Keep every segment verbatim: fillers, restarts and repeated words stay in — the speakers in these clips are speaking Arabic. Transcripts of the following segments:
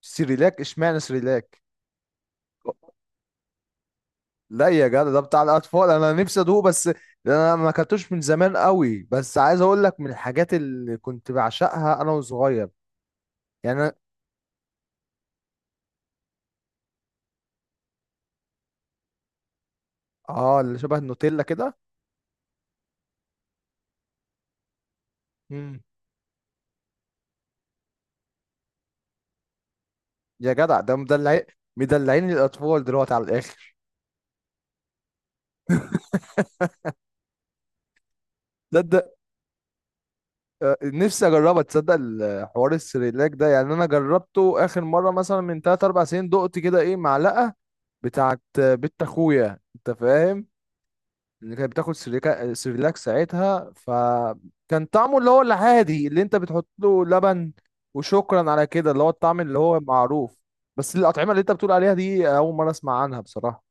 سريلاك، اشمعنى سريلاك؟ لا يا جدع، ده بتاع الاطفال. انا نفسي ادوقه بس. ده انا ما اكلتوش من زمان قوي، بس عايز اقول لك، من الحاجات اللي كنت بعشقها انا وصغير. يعني أنا- اه، اللي شبه النوتيلا كده. مم. يا جدع، ده مدلعين مدلعين الاطفال دلوقتي على الاخر. ده ده آه، نفسي اجربها. تصدق ال- حوار السريلاك ده؟ يعني انا جربته اخر مره مثلا من ثلاثة اربعة سنين. دقت كده ايه معلقه بتاعت بنت اخويا، انت فاهم. اللي كانت بتاخد سيريكا- سيريلاك ساعتها. فكان طعمه اللي هو العادي، اللي انت بتحط له لبن وشكرا على كده، اللي هو الطعم اللي هو معروف. بس الأطعمة اللي انت بتقول عليها دي أول مرة أسمع عنها بصراحة.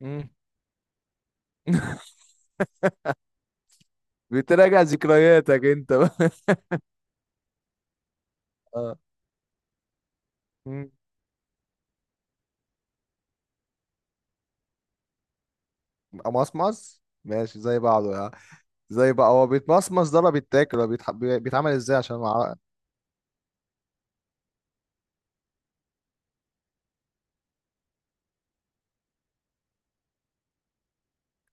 مم. بتراجع ذكرياتك انت بقى. اه. مم. مصمص، ماشي، زي بعضه يعني. زي بقى هو بيتمصمص ده، ولا بيتاكل، ولا بيتح... بي- بيتعمل ازاي عشان مع...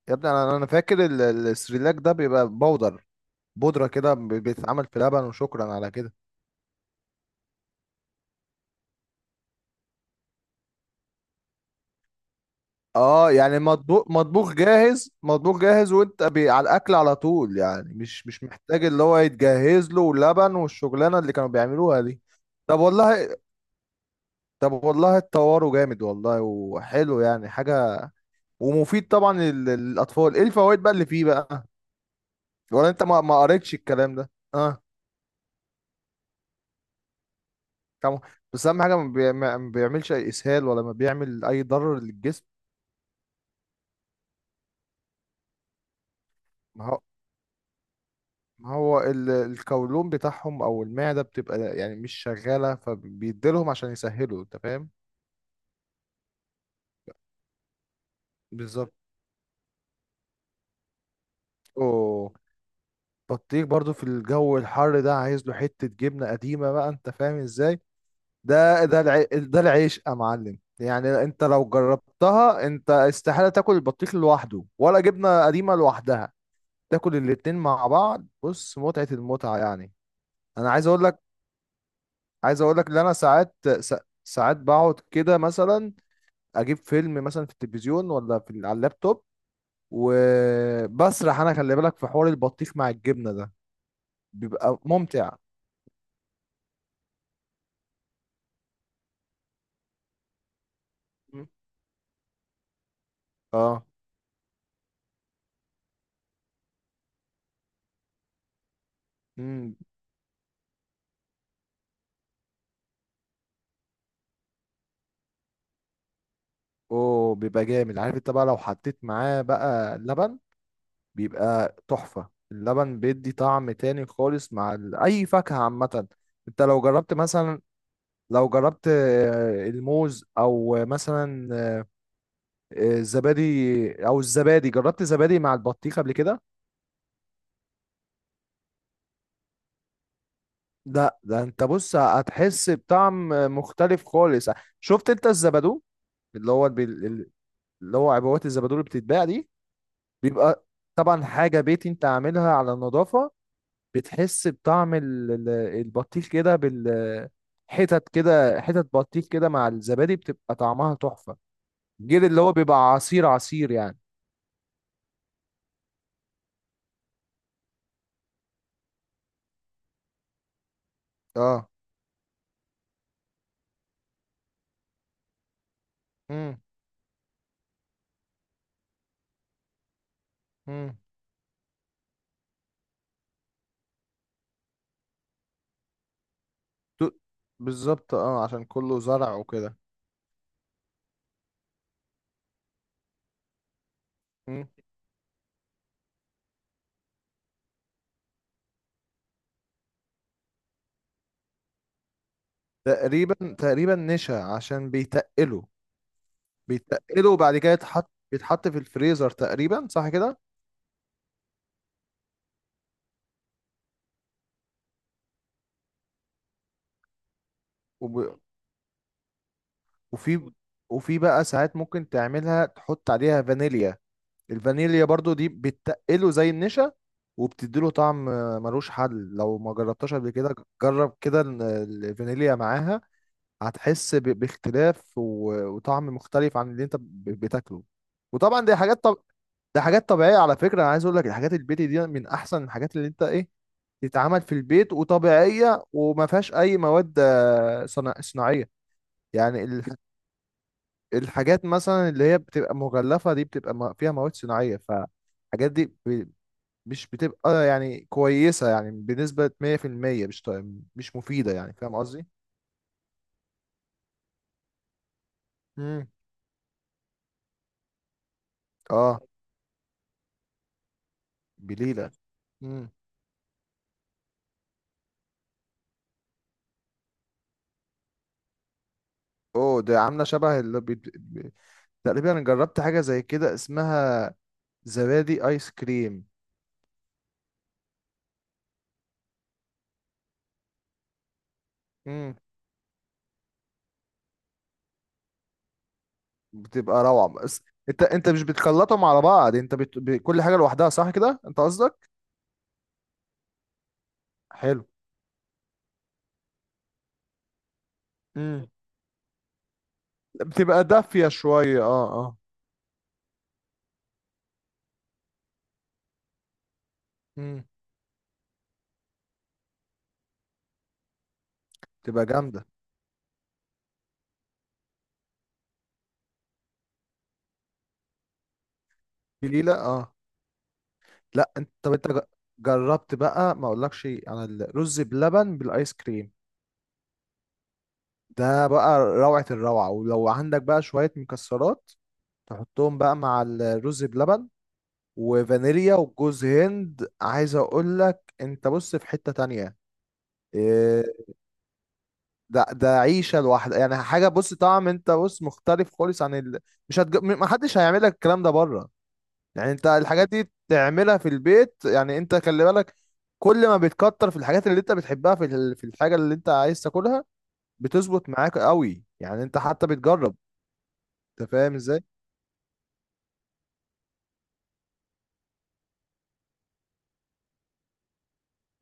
يا ابني، انا انا فاكر ال- ال- السريلاك ده بيبقى بودر. بودرة كده بي- بيتعمل في لبن وشكرا على كده. اه، يعني مطبوخ مطبوخ جاهز، مطبوخ جاهز، وانت بي على الاكل على طول. يعني مش مش محتاج اللي هو يتجهز له ولبن والشغلانه اللي كانوا بيعملوها دي. طب والله. طب والله، اتطوروا جامد والله، وحلو يعني حاجه. ومفيد طبعا لل- للاطفال. ايه الفوائد بقى اللي فيه بقى؟ ولا انت ما ما قريتش الكلام ده؟ اه. طبعا. بس اهم حاجه ما بيعم- ما بيعملش اي اسهال، ولا ما بيعمل اي ضرر للجسم. ما هو ما هو ال- القولون بتاعهم او المعده بتبقى يعني مش شغاله، فبيديلهم عشان يسهلوا، انت فاهم. بالظبط. اوه، بطيخ برضو في الجو الحر ده عايز له حته جبنه قديمه بقى، انت فاهم ازاي. ده ده العي... ده العيش يا معلم. يعني انت لو جربتها، انت استحاله تاكل البطيخ لوحده ولا جبنه قديمه لوحدها. تاكل الاتنين مع بعض، بص، متعه المتعه يعني. انا عايز اقول لك، عايز اقول لك ان انا ساعات، سا- ساعات بقعد كده مثلا، اجيب فيلم مثلا في التلفزيون ولا في على اللابتوب. وبسرح انا، خلي بالك، في حوار البطيخ مع الجبنه ده. بيبقى ممتع. مم. اه. امم. اوه، بيبقى جامد. عارف انت بقى، لو حطيت معاه بقى لبن، بيبقى تحفة. اللبن بيدي طعم تاني خالص مع ال... اي فاكهة عامة. انت لو جربت مثلا، لو جربت آه، الموز، او مثلا آه، الزبادي او الزبادي، جربت زبادي مع البطيخ قبل كده؟ لا ده، انت بص، هتحس بطعم مختلف خالص. شفت انت الزبادو، اللي هو بال- اللي هو عبوات الزبادو اللي بتتباع دي، بيبقى طبعا حاجة بيتي انت عاملها على النظافة. بتحس بطعم ال- ال- البطيخ كده بالحتت كده، حتت بطيخ كده مع الزبادي، بتبقى طعمها تحفة. غير اللي هو بيبقى عصير، عصير يعني. اه. امم. امم. بالظبط، اه، عشان كله زرع وكده. مم. تقريبا، تقريبا نشا، عشان بيتقله. بيتقلوا. وبعد كده يتحط بيتحط في الفريزر، تقريبا صح كده. وب... وفي وفي بقى ساعات ممكن تعملها تحط عليها فانيليا. الفانيليا برضو دي بتقله زي النشا، وبتديله طعم، آه، ملوش حل لو ما جربتهاش قبل كده. جرب كده ال- الفانيليا معاها. هتحس ب... باختلاف و... وطعم مختلف عن اللي انت ب... بتاكله. وطبعا دي حاجات، طب... ده حاجات طبيعية، على فكرة. أنا عايز أقول لك، الحاجات البيتي دي من أحسن الحاجات اللي أنت إيه، تتعمل في البيت، وطبيعية، وما فيهاش أي مواد آه، صنا- صناعية. يعني الح- الحاجات مثلا اللي هي بتبقى مغلفة دي بتبقى م- فيها مواد صناعية، فالحاجات دي ب- مش بتبقى يعني كويسة، يعني بنسبة مية في المية مش طي- مش مفيدة، يعني فاهم قصدي؟ امم. اه. بليلة. امم. اوه، ده عاملة شبه اللي بت... ب- تقريبا أنا جربت حاجة زي كده اسمها زبادي ايس كريم. مم. بتبقى روعة بس. انت انت مش بتخلطهم على بعض، انت بت... ب... كل حاجة لوحدها، صح كده انت قصدك؟ حلو. امم. بتبقى دافية شوية، اه. اه. امم. بتبقى جامدة. بليلة، اه. لا انت، طب انت ج- جربت بقى، ما اقولكش انا، الرز بلبن بالايس كريم؟ ده بقى روعة الروعة. ولو عندك بقى شوية مكسرات، تحطهم بقى مع الرز بلبن وفانيليا وجوز هند. عايز اقولك انت بص، في حتة تانية، آه، ده ده عيشه لوحدها، يعني حاجه، بص، طعم انت بص مختلف خالص عن ال... مش هتج... م- ما حدش هيعمل لك الكلام ده بره. يعني انت الحاجات دي تعملها في البيت. يعني انت خلي بالك، كل ما بتكتر في الحاجات اللي انت بتحبها في ال- في الحاجه اللي انت عايز تاكلها، بتظبط معاك قوي. يعني انت حتى بتجرب، انت فاهم ازاي.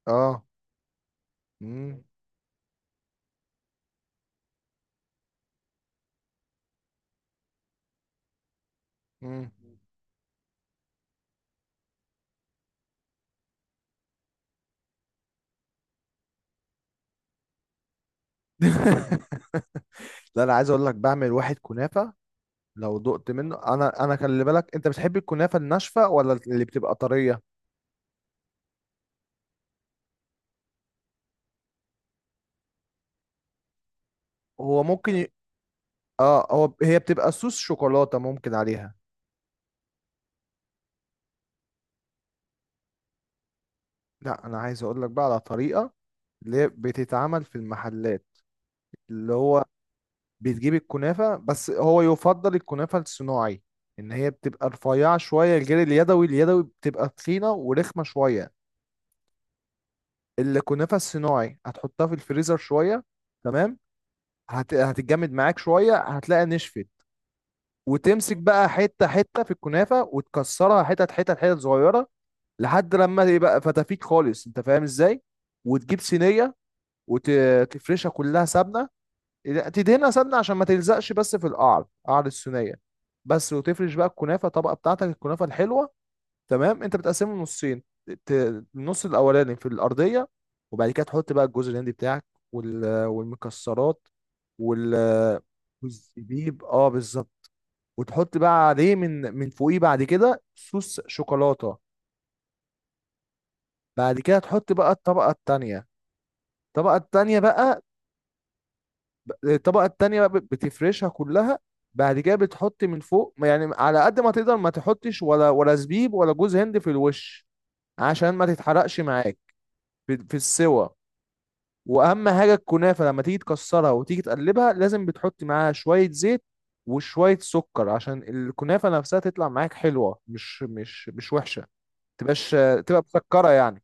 اه. امم. امم. لا، انا عايز اقول لك، بعمل واحد كنافه لو دقت منه. انا انا خلي بالك، انت بتحب الكنافه الناشفه ولا اللي بتبقى طريه؟ هو ممكن، اه، هو هي بتبقى صوص شوكولاتة ممكن عليها. لا، انا عايز اقول لك بقى على طريقة اللي هي بتتعمل في المحلات، اللي هو بتجيب الكنافة، بس هو يفضل الكنافة الصناعي، ان هي بتبقى رفيعة شوية غير اليدوي. اليدوي بتبقى تخينة ورخمة شوية. الكنافة الصناعي هتحطها في الفريزر شوية، تمام. هت... هتتجمد معاك شوية، هتلاقي نشفت. وتمسك بقى حتة حتة في الكنافة، وتكسرها حتت حتت حتت صغيرة، لحد لما يبقى فتافيت خالص، انت فاهم ازاي. وتجيب صينيه، وتفرشها كلها سمنه. تدهنها سمنه عشان ما تلزقش، بس في القعر، قعر الصينيه بس. وتفرش بقى الكنافه، الطبقه بتاعتك، الكنافه الحلوه، تمام. انت بتقسمه نصين. ت- النص الاولاني في الارضيه. وبعد كده تحط بقى الجوز الهندي بتاعك، وال- والمكسرات، وال والزبيب، اه بالظبط. وتحط بقى عليه من من فوقيه بعد كده صوص شوكولاته. بعد كده تحط بقى الطبقة التانية. الطبقة التانية بقى الطبقة التانية بقى بتفرشها كلها. بعد كده بتحط من فوق، يعني على قد ما تقدر ما تحطش، ولا ولا زبيب، ولا جوز هند في الوش، عشان ما تتحرقش معاك في, في السوا. واهم حاجة، الكنافة لما تيجي تكسرها وتيجي تقلبها، لازم بتحط معاها شوية زيت وشوية سكر، عشان الكنافة نفسها تطلع معاك حلوة، مش مش مش وحشة، تبقاش تبقى مسكرة يعني.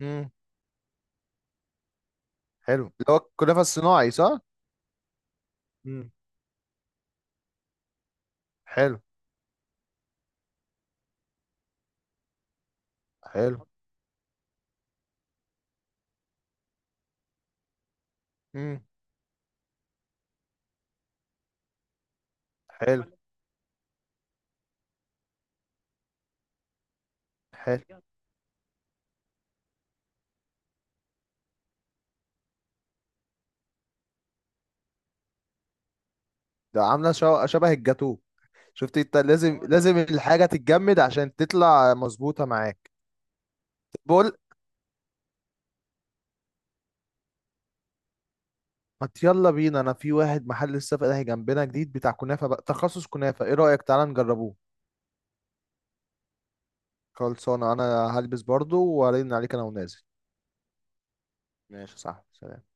امم. حلو، اللي هو الكنافه الصناعي، صح. مم. حلو. حلو. امم. حلو. حلو. ده عامله شو- شبه الجاتو. شفت انت، لازم لازم الحاجه تتجمد عشان تطلع مظبوطه معاك. بقول، ما ت- يلا بينا، انا في واحد محل لسه فاتح جنبنا جديد بتاع كنافه بقى، تخصص كنافه، ايه رايك، تعالى نجربوه. خلصانه انا، هلبس برضو وارن عليك انا ونازل. ماشي، صح، سلام.